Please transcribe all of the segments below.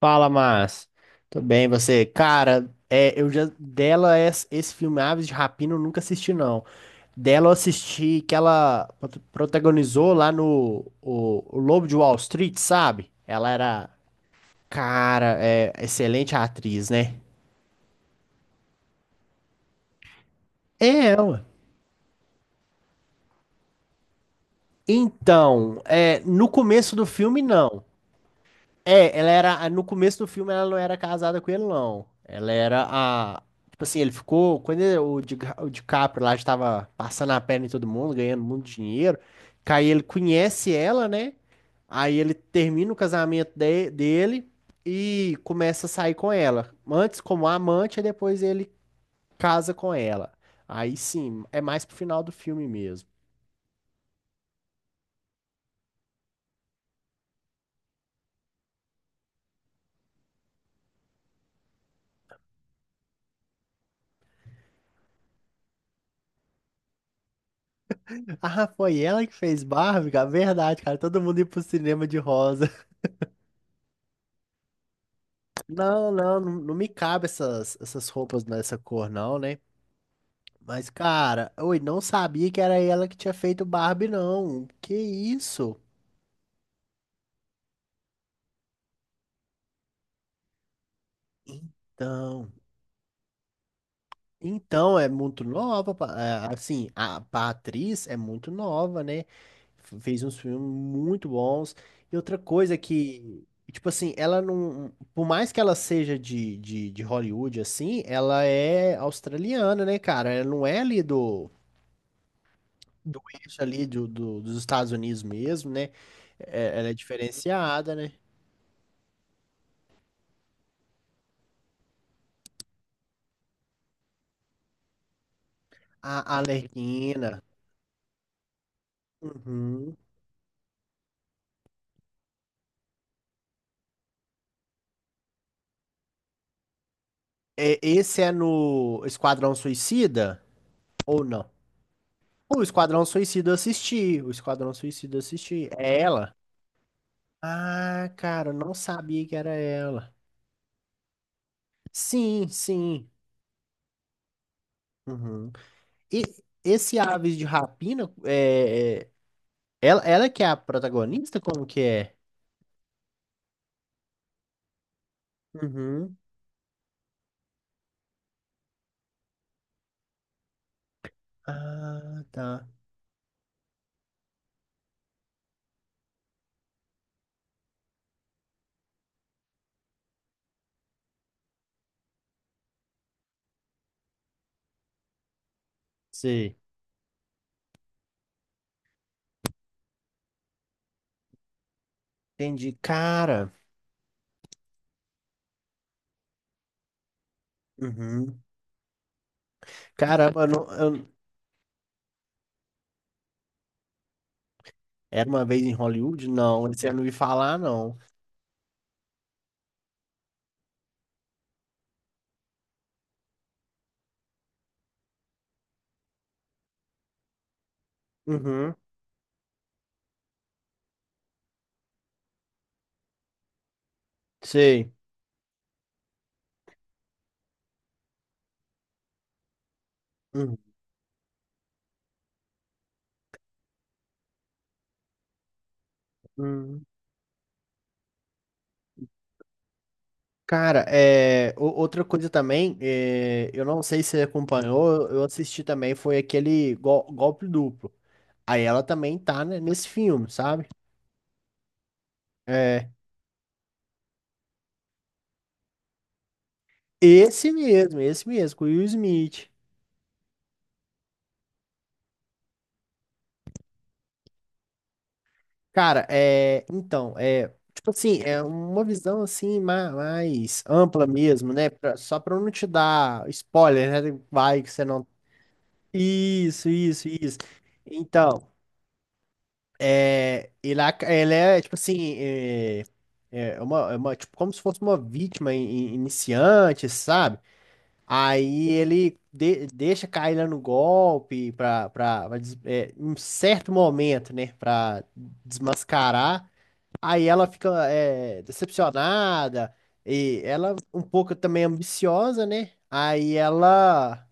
Fala, Márcio. Tudo bem, e você? Cara, eu já dela es- esse filme Aves de Rapina eu nunca assisti não. Dela eu assisti que ela protagonizou lá no o Lobo de Wall Street, sabe? Cara, é excelente atriz, né? É ela. Então, no começo do filme não. É, ela era. No começo do filme, ela não era casada com ele, não. Ela era a. Tipo assim, ele ficou. Quando o DiCaprio lá estava passando a perna em todo mundo, ganhando muito dinheiro. Que Aí ele conhece ela, né? Aí ele termina o casamento dele e começa a sair com ela. Antes como amante, e depois ele casa com ela. Aí sim, é mais pro final do filme mesmo. Ah, foi ela que fez Barbie, cara? Verdade, cara. Todo mundo ia pro cinema de rosa. Não, não não me cabe essas roupas nessa cor, não, né? Mas, cara, oi, não sabia que era ela que tinha feito Barbie, não. Que isso? Então, então, é muito nova, assim, a atriz é muito nova, né? Fez uns filmes muito bons. E outra coisa que, tipo assim, ela não, por mais que ela seja de Hollywood, assim, ela é australiana, né, cara? Ela não é ali do eixo ali dos Estados Unidos mesmo, né? É, ela é diferenciada, né? A Arlequina. Uhum. É, esse é no Esquadrão Suicida ou não? O Esquadrão Suicida eu assisti. O Esquadrão Suicida eu assisti. É ela? Ah, cara, eu não sabia que era ela. Sim, sim. Uhum. E esse Aves de Rapina, ela é que é a protagonista? Como que é? Uhum. Ah, tá. Sei. Entendi. Cara, uhum. Caramba, eu não- eu- era Uma Vez em Hollywood? Não, esse eu não vi falar, não. Uhum. Sei. Uhum. Uhum. Cara, outra coisa também, eu não sei se você acompanhou, eu assisti também, foi aquele Golpe Duplo. Aí ela também tá, né, nesse filme, sabe? É, esse mesmo, com o Will Smith. Cara, então, tipo assim, é uma visão assim mais, ampla mesmo, né? Só pra eu não te dar spoiler, né? Vai que você não. Isso, isso, isso. Então, ele é tipo assim, tipo, como se fosse uma vítima iniciante, sabe? Aí ele deixa cair lá no golpe pra em um certo momento, né? Pra desmascarar. Aí ela fica decepcionada e ela um pouco também ambiciosa, né? Aí ela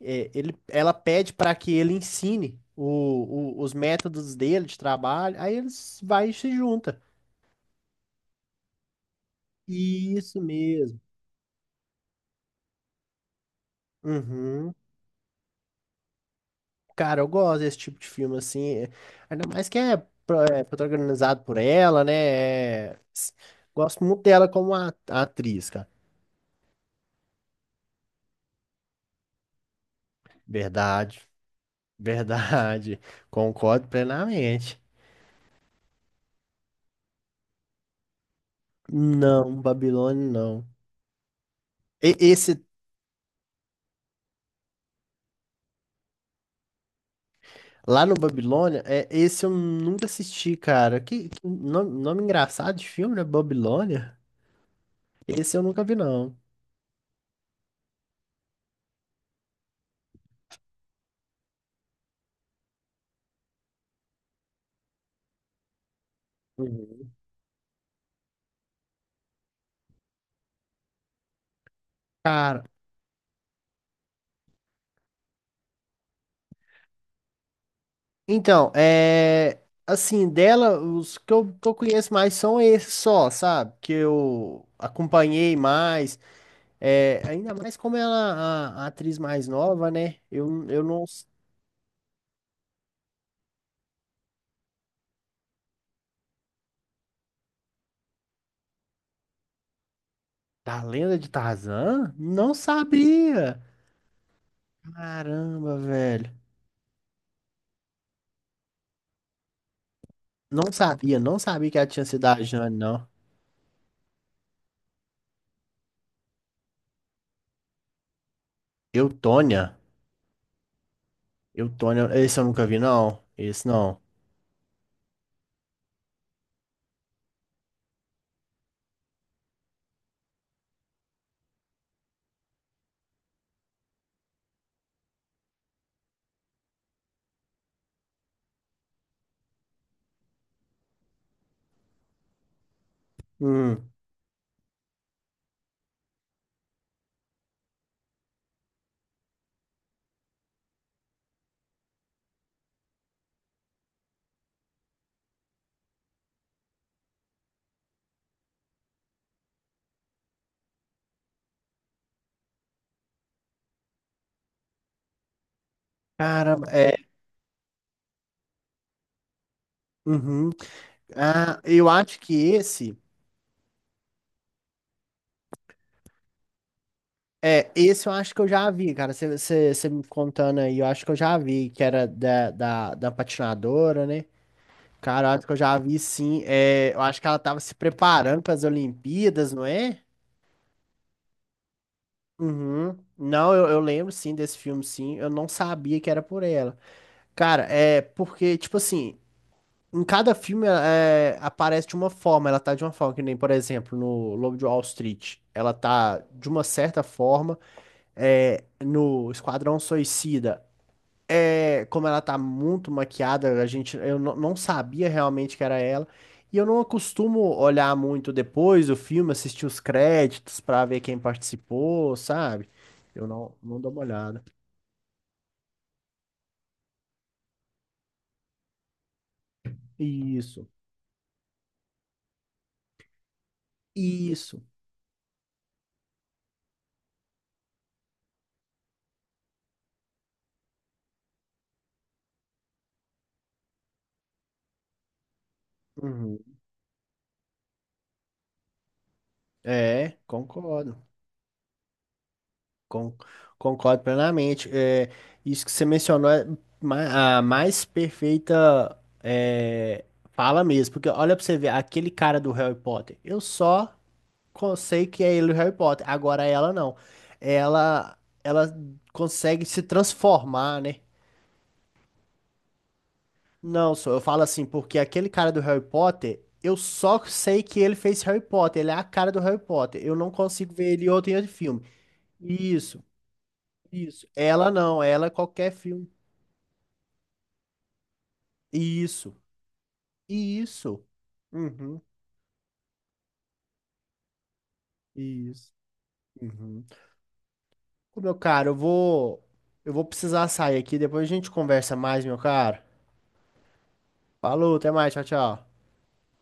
é, ele, ela pede para que ele ensine os métodos dele de trabalho. Aí eles vai e se junta. Isso mesmo. Uhum. Cara, eu gosto desse tipo de filme assim, ainda mais que é protagonizado por ela, né? É, gosto muito dela como a, atriz, cara. Verdade. Verdade, concordo plenamente. Não, Babilônia não. Esse lá no Babilônia, esse eu nunca assisti, cara. Que nome engraçado de filme, né? Babilônia? Esse eu nunca vi, não. Uhum. Cara, então. Assim, dela, os que eu conheço mais são esses só, sabe? Que eu acompanhei mais. É, ainda mais como ela é a atriz mais nova, né? Eu não. Da Lenda de Tarzan? Não sabia. Caramba, velho. Não sabia, não sabia que ela tinha sido a Jane, não. Eutônia. Eutônia, esse eu nunca vi, não. Esse não. Hum. Caramba, é. Uhum. Ah, eu acho que esse. É, esse eu acho que eu já vi, cara. Você me contando aí, eu acho que eu já vi, que era da patinadora, né? Cara, eu acho que eu já vi sim. É, eu acho que ela tava se preparando para as Olimpíadas, não é? Uhum. Não, eu lembro sim desse filme, sim. Eu não sabia que era por ela. Cara, é porque, tipo assim, em cada filme aparece de uma forma, ela tá de uma forma, que nem, por exemplo, no Lobo de Wall Street, ela tá de uma certa forma, no Esquadrão Suicida, como ela tá muito maquiada, eu não sabia realmente que era ela. E eu não costumo olhar muito depois do filme, assistir os créditos pra ver quem participou, sabe? Eu não dou uma olhada. Isso, isso. Uhum. É, concordo. Con- concordo plenamente. É, isso que você mencionou é a mais perfeita fala mesmo. Porque olha pra você ver, aquele cara do Harry Potter, eu só sei que é ele o Harry Potter. Agora ela não. Ela, ela consegue se transformar, né? Não, só eu falo assim, porque aquele cara do Harry Potter, eu só sei que ele fez Harry Potter, ele é a cara do Harry Potter. Eu não consigo ver ele em outro filme. Isso, isso. Ela não, ela é qualquer filme. Isso, isso. Uhum, isso. Uhum. Ô, meu caro, eu vou precisar sair aqui, depois a gente conversa mais, meu caro. Falou, até mais, tchau, tchau.